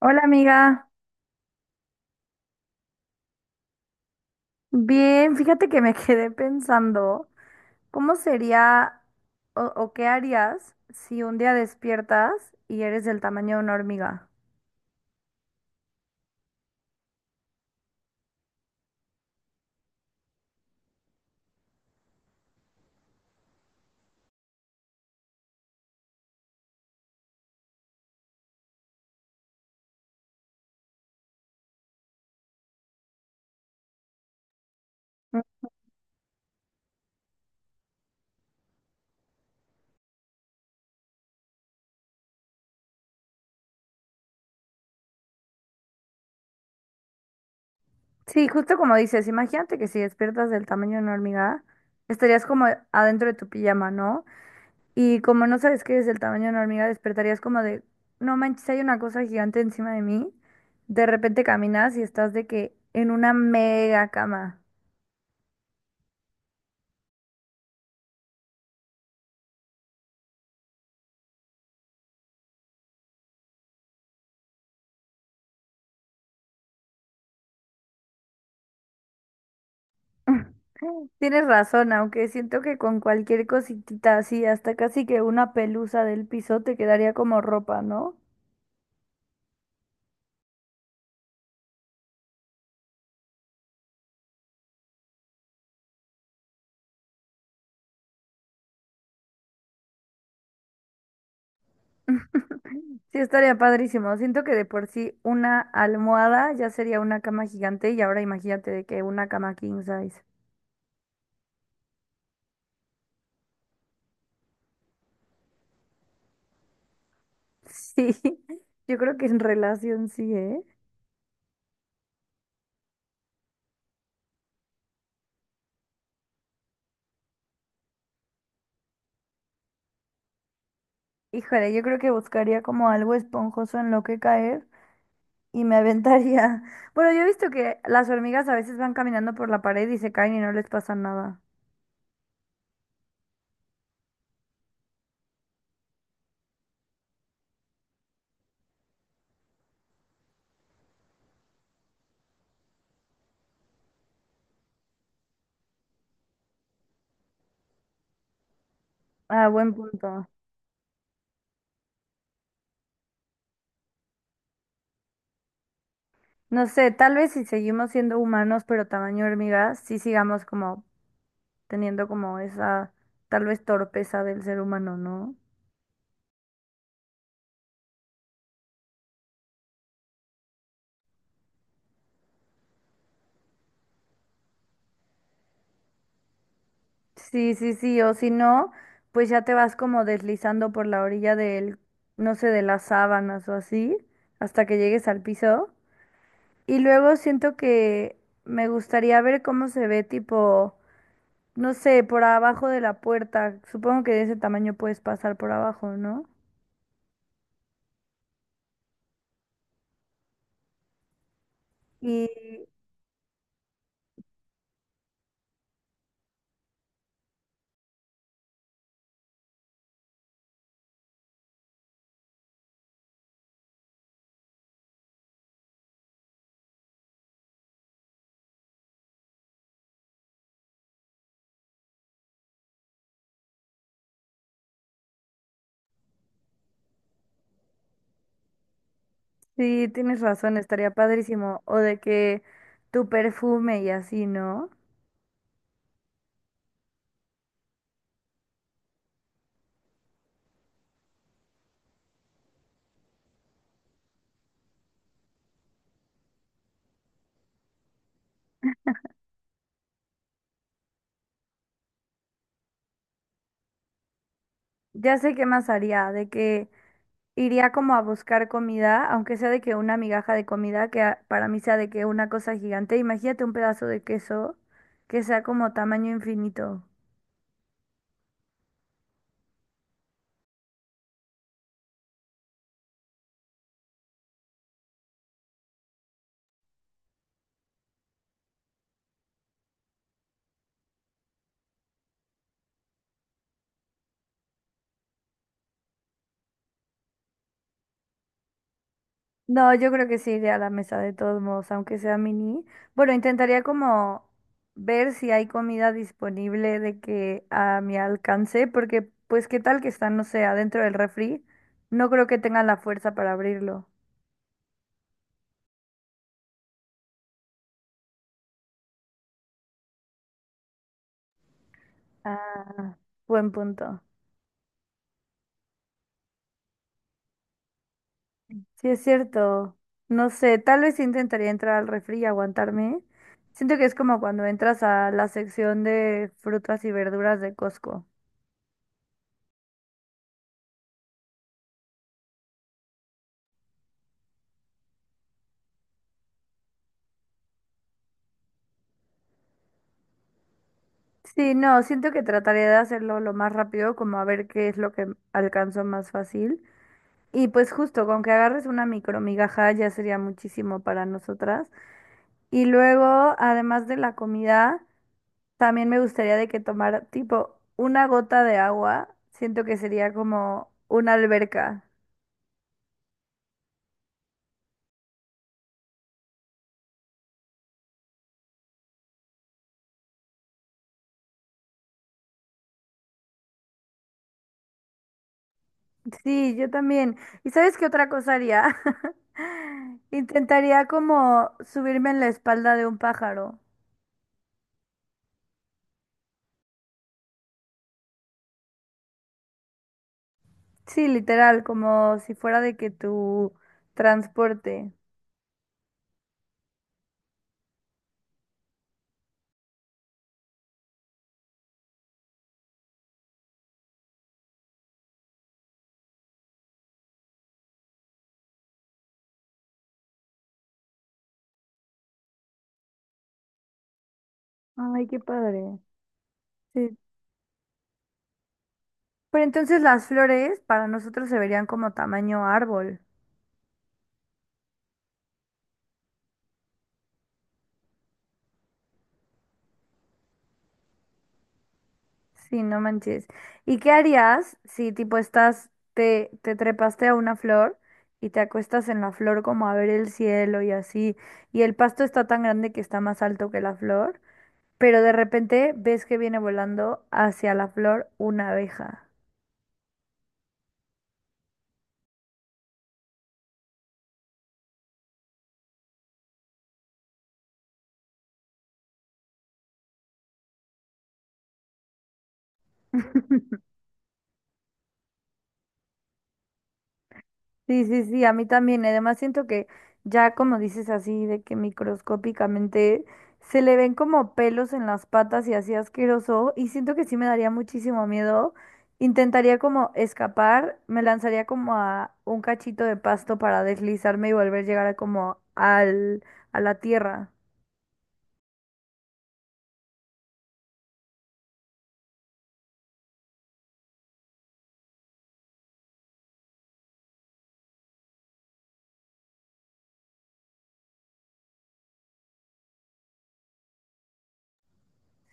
Hola amiga, bien, fíjate que me quedé pensando, ¿cómo sería o qué harías si un día despiertas y eres del tamaño de una hormiga? Mm. Sí, justo como dices, imagínate que si despiertas del tamaño de una hormiga, estarías como adentro de tu pijama, ¿no? Y como no sabes que eres del tamaño de una hormiga, despertarías como de, no manches, hay una cosa gigante encima de mí. De repente caminas y estás de que en una mega cama. Tienes razón, aunque siento que con cualquier cositita así, hasta casi que una pelusa del piso te quedaría como ropa, ¿no? Sí, estaría padrísimo. Siento que de por sí una almohada ya sería una cama gigante y ahora imagínate de que una cama king size. Sí, yo creo que en relación sí, ¿eh? Híjole, yo creo que buscaría como algo esponjoso en lo que caer y me aventaría. Bueno, yo he visto que las hormigas a veces van caminando por la pared y se caen y no les pasa nada. Ah, buen punto. No sé, tal vez si seguimos siendo humanos pero tamaño hormiga, sí sigamos como teniendo como esa tal vez torpeza del ser humano, ¿no? Sí, sí, sí, o si no, pues ya te vas como deslizando por la orilla del, no sé, de las sábanas o así, hasta que llegues al piso. Y luego siento que me gustaría ver cómo se ve tipo, no sé, por abajo de la puerta. Supongo que de ese tamaño puedes pasar por abajo, ¿no? Y sí, tienes razón, estaría padrísimo. O de que tu perfume y así, ¿no? Ya sé qué más haría, de que iría como a buscar comida, aunque sea de que una migaja de comida, que a- para mí sea de que una cosa gigante. Imagínate un pedazo de queso que sea como tamaño infinito. No, yo creo que sí iré a la mesa de todos modos, aunque sea mini. Bueno, intentaría como ver si hay comida disponible de que a mi alcance, porque pues qué tal que está, no sé, adentro del refri. No creo que tengan la fuerza para abrirlo. Ah, buen punto. Sí, es cierto. No sé, tal vez intentaría entrar al refri y aguantarme. Siento que es como cuando entras a la sección de frutas y verduras de Costco. Sí, no, siento que trataré de hacerlo lo más rápido, como a ver qué es lo que alcanzo más fácil. Y pues justo, con que agarres una micromigaja ya sería muchísimo para nosotras. Y luego, además de la comida, también me gustaría de que tomara tipo una gota de agua. Siento que sería como una alberca. Sí, yo también. ¿Y sabes qué otra cosa haría? Intentaría como subirme en la espalda de un pájaro. Sí, literal, como si fuera de que tu transporte. Ay, qué padre. Sí. Pero entonces las flores para nosotros se verían como tamaño árbol. Sí, no manches. ¿Y qué harías si tipo estás, te trepaste a una flor y te acuestas en la flor como a ver el cielo y así, y el pasto está tan grande que está más alto que la flor, pero de repente ves que viene volando hacia la flor una abeja? Sí, sí, sí, a mí también. Además, siento que ya como dices así, de que microscópicamente se le ven como pelos en las patas y así asqueroso, y siento que sí me daría muchísimo miedo. Intentaría como escapar, me lanzaría como a un cachito de pasto para deslizarme y volver a llegar a como al, a la tierra.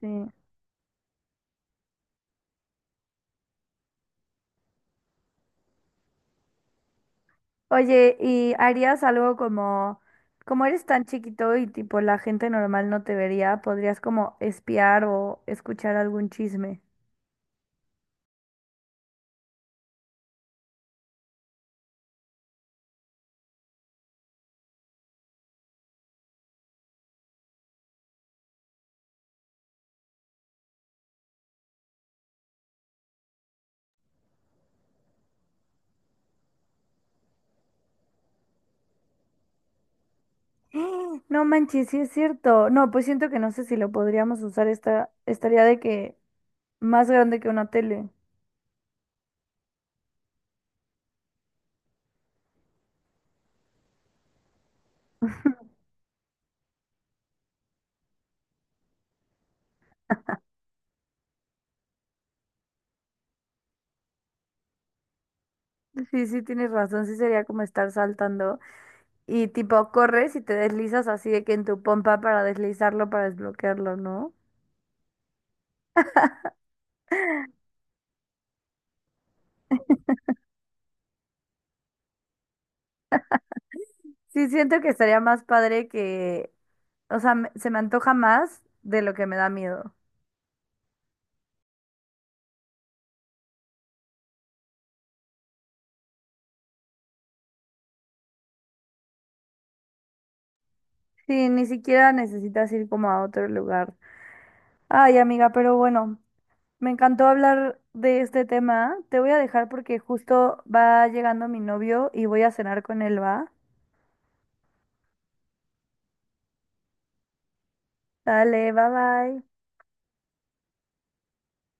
Sí. Oye, ¿y harías algo como, como eres tan chiquito y tipo la gente normal no te vería, podrías como espiar o escuchar algún chisme? ¡Ah! No manches, sí es cierto. No, pues siento que no sé si lo podríamos usar esta, estaría de que más grande que una tele. Sí, sí, tienes razón, sí sería como estar saltando y tipo corres y te deslizas así de que en tu pompa para deslizarlo, para desbloquearlo, ¿no? Sí, siento que estaría más padre que, o sea, me- se me antoja más de lo que me da miedo. Sí, ni siquiera necesitas ir como a otro lugar. Ay, amiga, pero bueno, me encantó hablar de este tema. Te voy a dejar porque justo va llegando mi novio y voy a cenar con él, ¿va? Dale, bye bye.